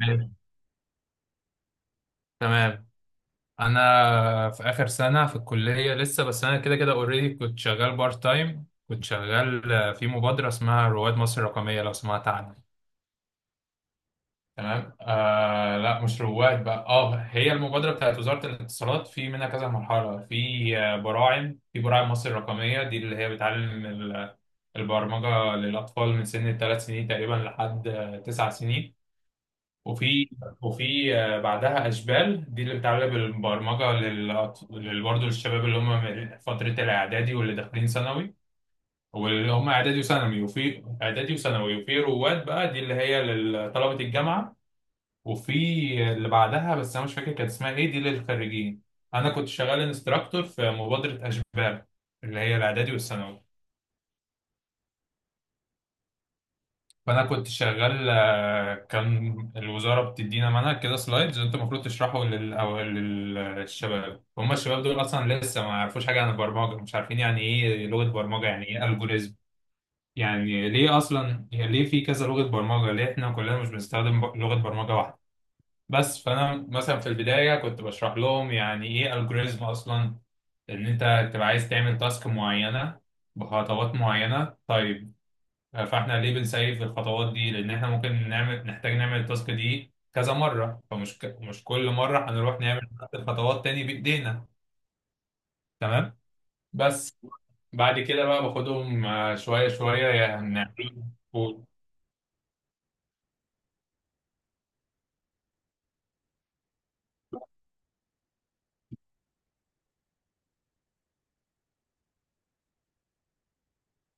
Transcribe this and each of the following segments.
تمام. تمام. انا في اخر سنه في الكليه لسه، بس انا كده كده اوريدي كنت شغال بارت تايم. كنت شغال في مبادره اسمها رواد مصر الرقميه، لو سمعت عنها. تمام آه، لا مش رواد بقى، اه هي المبادره بتاعت وزاره الاتصالات، في منها كذا مرحله. في براعم، براعم مصر الرقميه، دي اللي هي بتعلم البرمجه للاطفال من سن الثلاث سنين تقريبا لحد تسع سنين. وفي وفي آه، بعدها اشبال، دي اللي بتعمل بالبرمجه برضه للشباب اللي هم من فتره الاعدادي واللي داخلين ثانوي. واللي هم اعدادي وثانوي وفي اعدادي وثانوي. وفي رواد بقى، دي اللي هي لطلبه الجامعه. وفي اللي بعدها، بس انا مش فاكر كانت اسمها ايه، دي للخريجين. انا كنت شغال انستراكتور في مبادره اشبال، اللي هي الاعدادي والثانوي. فانا كنت شغال كان الوزاره بتدينا منهج كده سلايدز، وانت المفروض تشرحه لل... أو للشباب. هم الشباب دول اصلا لسه ما يعرفوش حاجه عن البرمجه، مش عارفين يعني ايه لغه برمجه، يعني ايه الجوريزم، يعني ليه اصلا، يعني ليه في كذا لغه برمجه، ليه احنا كلنا مش بنستخدم لغه برمجه واحده. بس فانا مثلا في البدايه كنت بشرح لهم يعني ايه الجوريزم اصلا، ان انت تبقى عايز تعمل تاسك معينه بخطوات معينه. طيب فاحنا ليه بنسيف الخطوات دي؟ لان احنا ممكن نحتاج نعمل التاسك دي كذا مره، مش كل مره هنروح نعمل نفس الخطوات تاني بايدينا. تمام. بس بعد كده بقى باخدهم شويه شويه، يعني نعمل و-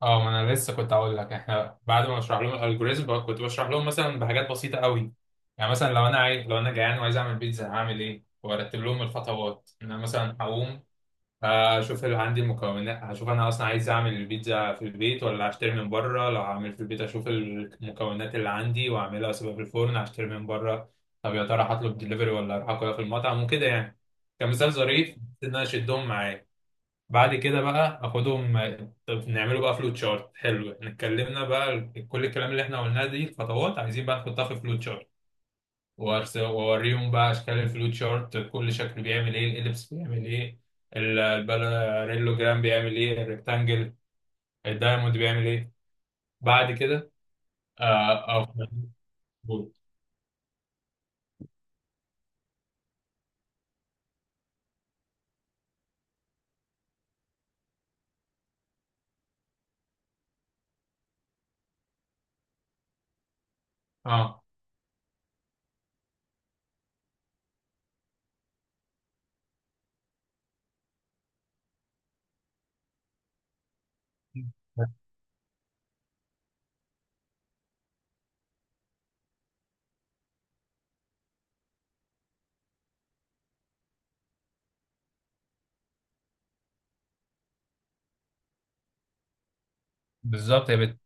اه، ما انا لسه كنت اقول لك، احنا بعد ما بشرح لهم الالجوريزم كنت بشرح لهم مثلا بحاجات بسيطه قوي. يعني مثلا لو انا جعان وعايز اعمل بيتزا هعمل ايه، وارتب لهم الخطوات، ان انا مثلا هقوم هشوف هل عندي المكونات، هشوف انا اصلا عايز اعمل البيتزا في البيت ولا هشتري من بره، لو هعمل في البيت اشوف المكونات اللي عندي واعملها واسيبها في الفرن، هشتري من بره، طب يا ترى هطلب دليفري ولا اروح اكلها في المطعم وكده يعني، كمثال ظريف ان انا اشدهم معايا. بعد كده بقى اخدهم، طب نعمله بقى فلوت شارت. حلو، احنا اتكلمنا بقى كل الكلام اللي احنا قلناه، دي الخطوات عايزين بقى نحطها في فلوت شارت. واوريهم بقى اشكال الفلو تشارت، كل شكل بيعمل ايه، الاليبس بيعمل ايه، الباراليلو جرام بيعمل ايه، الريكتانجل، الدايموند بيعمل ايه. بعد كده اه اه آه. بالظبط يا بت.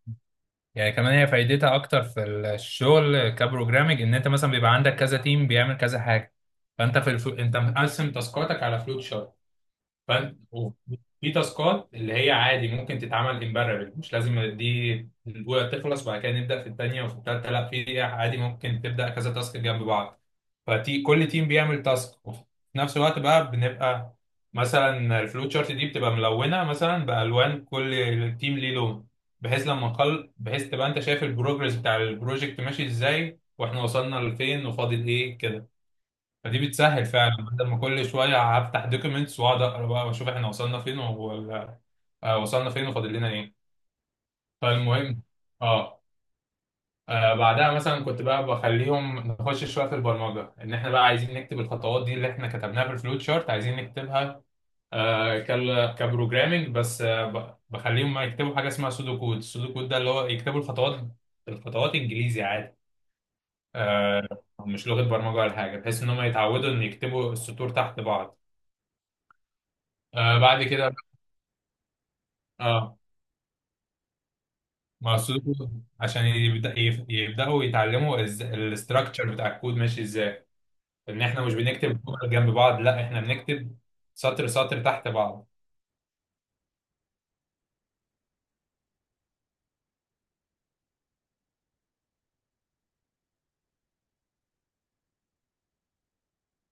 يعني كمان هي فايدتها اكتر في الشغل كبروجرامنج، ان انت مثلا بيبقى عندك كذا تيم بيعمل كذا حاجه، فانت انت مقسم تاسكاتك على فلوت شارت. فانت في تاسكات اللي هي عادي ممكن تتعمل امبارح، مش لازم دي الاولى تخلص وبعد كده نبدا في الثانيه وفي الثالثه، لا في عادي ممكن تبدا كذا تاسك جنب بعض. فتي كل تيم بيعمل تاسك، وفي نفس الوقت بقى بنبقى مثلا الفلو تشارت دي بتبقى ملونه مثلا بالوان، كل تيم ليه لون، بحيث لما نخل بحيث تبقى انت شايف البروجرس بتاع البروجكت ماشي ازاي، واحنا وصلنا لفين وفاضل ايه كده. فدي بتسهل فعلا، بدل ما كل شويه هفتح دوكيومنتس واقعد اقرا بقى واشوف احنا وصلنا فين ولا وصلنا فين وفاضل لنا ايه. فالمهم اه، بعدها مثلا كنت بقى بخليهم نخش شويه في البرمجه، ان احنا بقى عايزين نكتب الخطوات دي اللي احنا كتبناها في الفلوت شارت عايزين نكتبها كبروجرامينج، بس بخليهم ما يكتبوا حاجه اسمها سودو كود. السودو كود ده اللي هو يكتبوا الخطوات، الخطوات انجليزي عادي. آه، مش لغه برمجه ولا حاجه، بحيث ان هم يتعودوا ان يكتبوا السطور تحت بعض. آه بعد كده اه. مقصوده، عشان يبداوا يتعلموا الاستراكشر بتاع الكود ماشي ازاي، ان احنا مش بنكتب جمل جنب بعض، لا احنا بنكتب سطر سطر تحت بعض.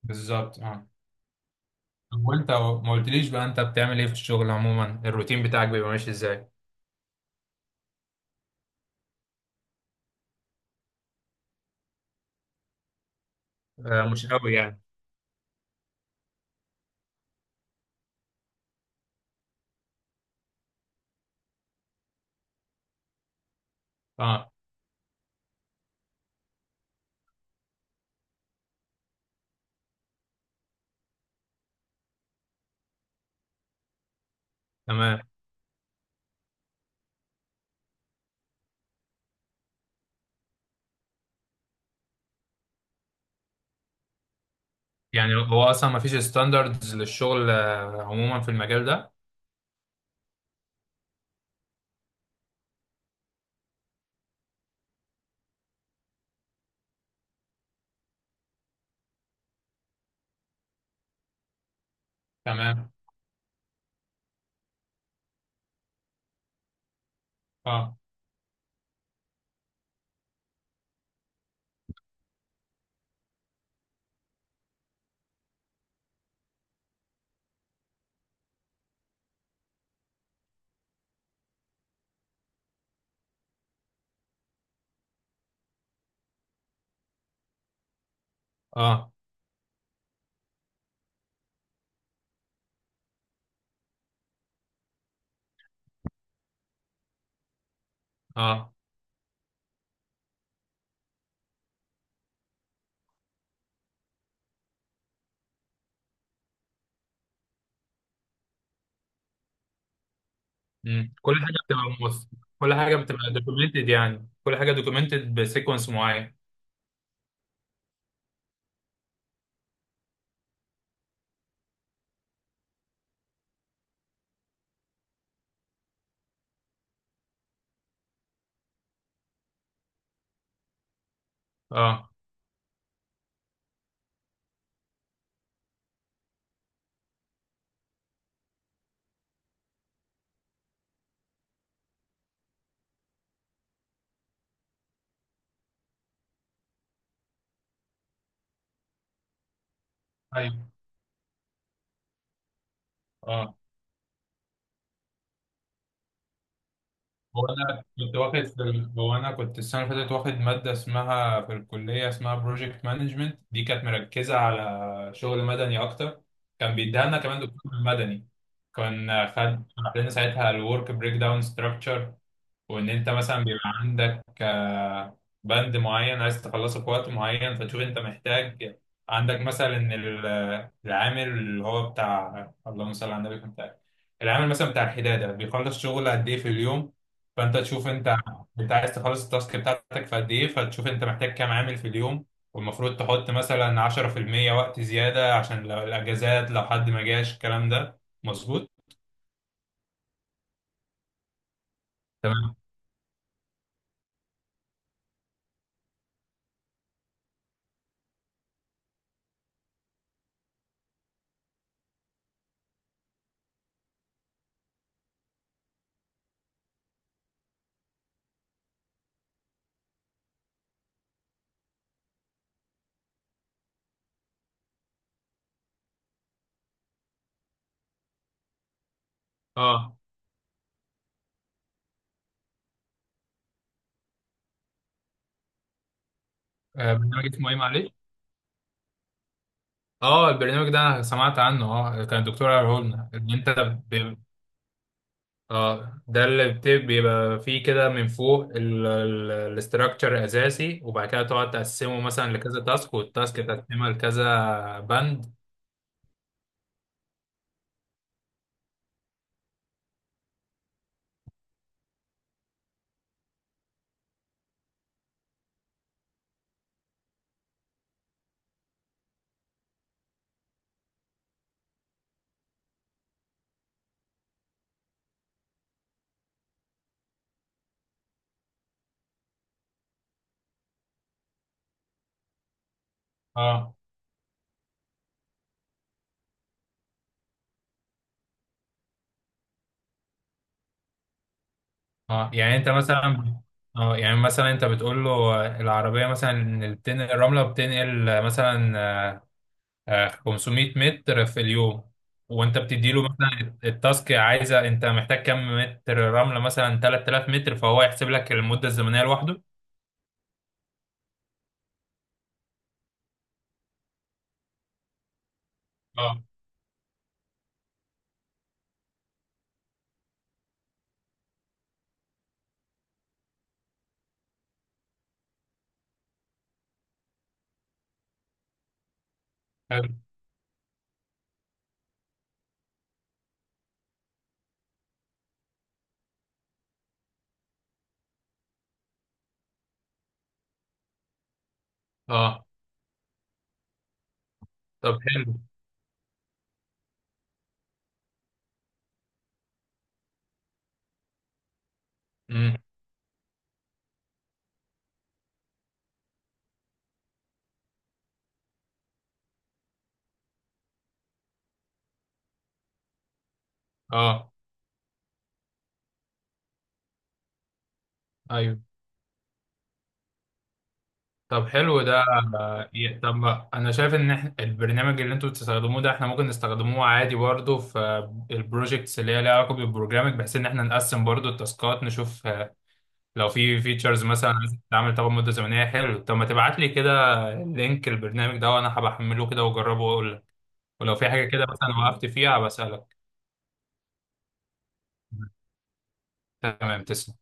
بالظبط اه. طب وانت ما قلتليش بقى انت بتعمل ايه في الشغل عموما، الروتين بتاعك بيبقى ماشي ازاي؟ آه مش قوي يعني. اه تمام. يعني هو اصلا ما فيش ستاندردز للشغل عموما في المجال ده؟ تمام. اه. اه. اه. مم، كل حاجه بتبقى موثق، كل حاجه بتبقى دوكيومنتد، يعني كل حاجه دوكيومنتد بسيكونس معين. اه. ايوه. اه، هو انا كنت واخد في ال- هو انا كنت السنه اللي فاتت واخد ماده اسمها في الكليه اسمها بروجكت مانجمنت، دي كانت مركزه على شغل مدني اكتر، كان بيديها لنا كمان دكتور مدني. كان خد شرح لنا ساعتها الورك بريك داون ستراكشر، وان انت مثلا بيبقى عندك بند معين عايز تخلصه في وقت معين، فتشوف انت محتاج عندك مثلا ان العامل اللي هو بتاع اللهم صل على النبي، العامل مثلا بتاع الحداده بيخلص شغل قد ايه في اليوم. فانت تشوف انت انت عايز تخلص التاسك بتاعتك في قد ايه، فتشوف انت محتاج كام عامل في اليوم، والمفروض تحط مثلا 10% وقت زياده، عشان لو الاجازات لو حد ما جاش الكلام ده مظبوط. تمام. اه. آه، برنامج اسمه ايه معلش؟ اه البرنامج ده انا سمعت عنه، اه كان الدكتور قاله لنا ان ب... اه ده بيبقى فيه كده من فوق الاستراكشر اساسي، وبعد كده تقعد تقسمه مثلا لكذا تاسك، والتاسك تقسمها لكذا بند. اه. اه يعني انت مثلا اه يعني مثلا انت بتقول له العربيه مثلا بتنقل الرمله، بتنقل مثلا 500 متر في اليوم، وانت بتديله مثلا التاسك عايزه انت محتاج كم متر رمله، مثلا 3000 متر، فهو يحسب لك المده الزمنيه لوحده. اه. حلو. اه. طب حلو. امم. اه. ايوه. طب حلو ده. طب ما انا شايف ان البرنامج اللي انتوا بتستخدموه ده احنا ممكن نستخدموه عادي برضه في البروجكتس اللي هي ليها علاقه بالبروجرامنج، بحيث ان احنا نقسم برضه التاسكات، نشوف لو في فيتشرز مثلا عايز تتعمل طب مدة زمنية. حلو، طب ما تبعت لي كده لينك البرنامج ده، وانا هبحمله كده واجربه واقول لك، ولو في حاجة كده مثلا وقفت فيها بسألك. تمام. تسلم.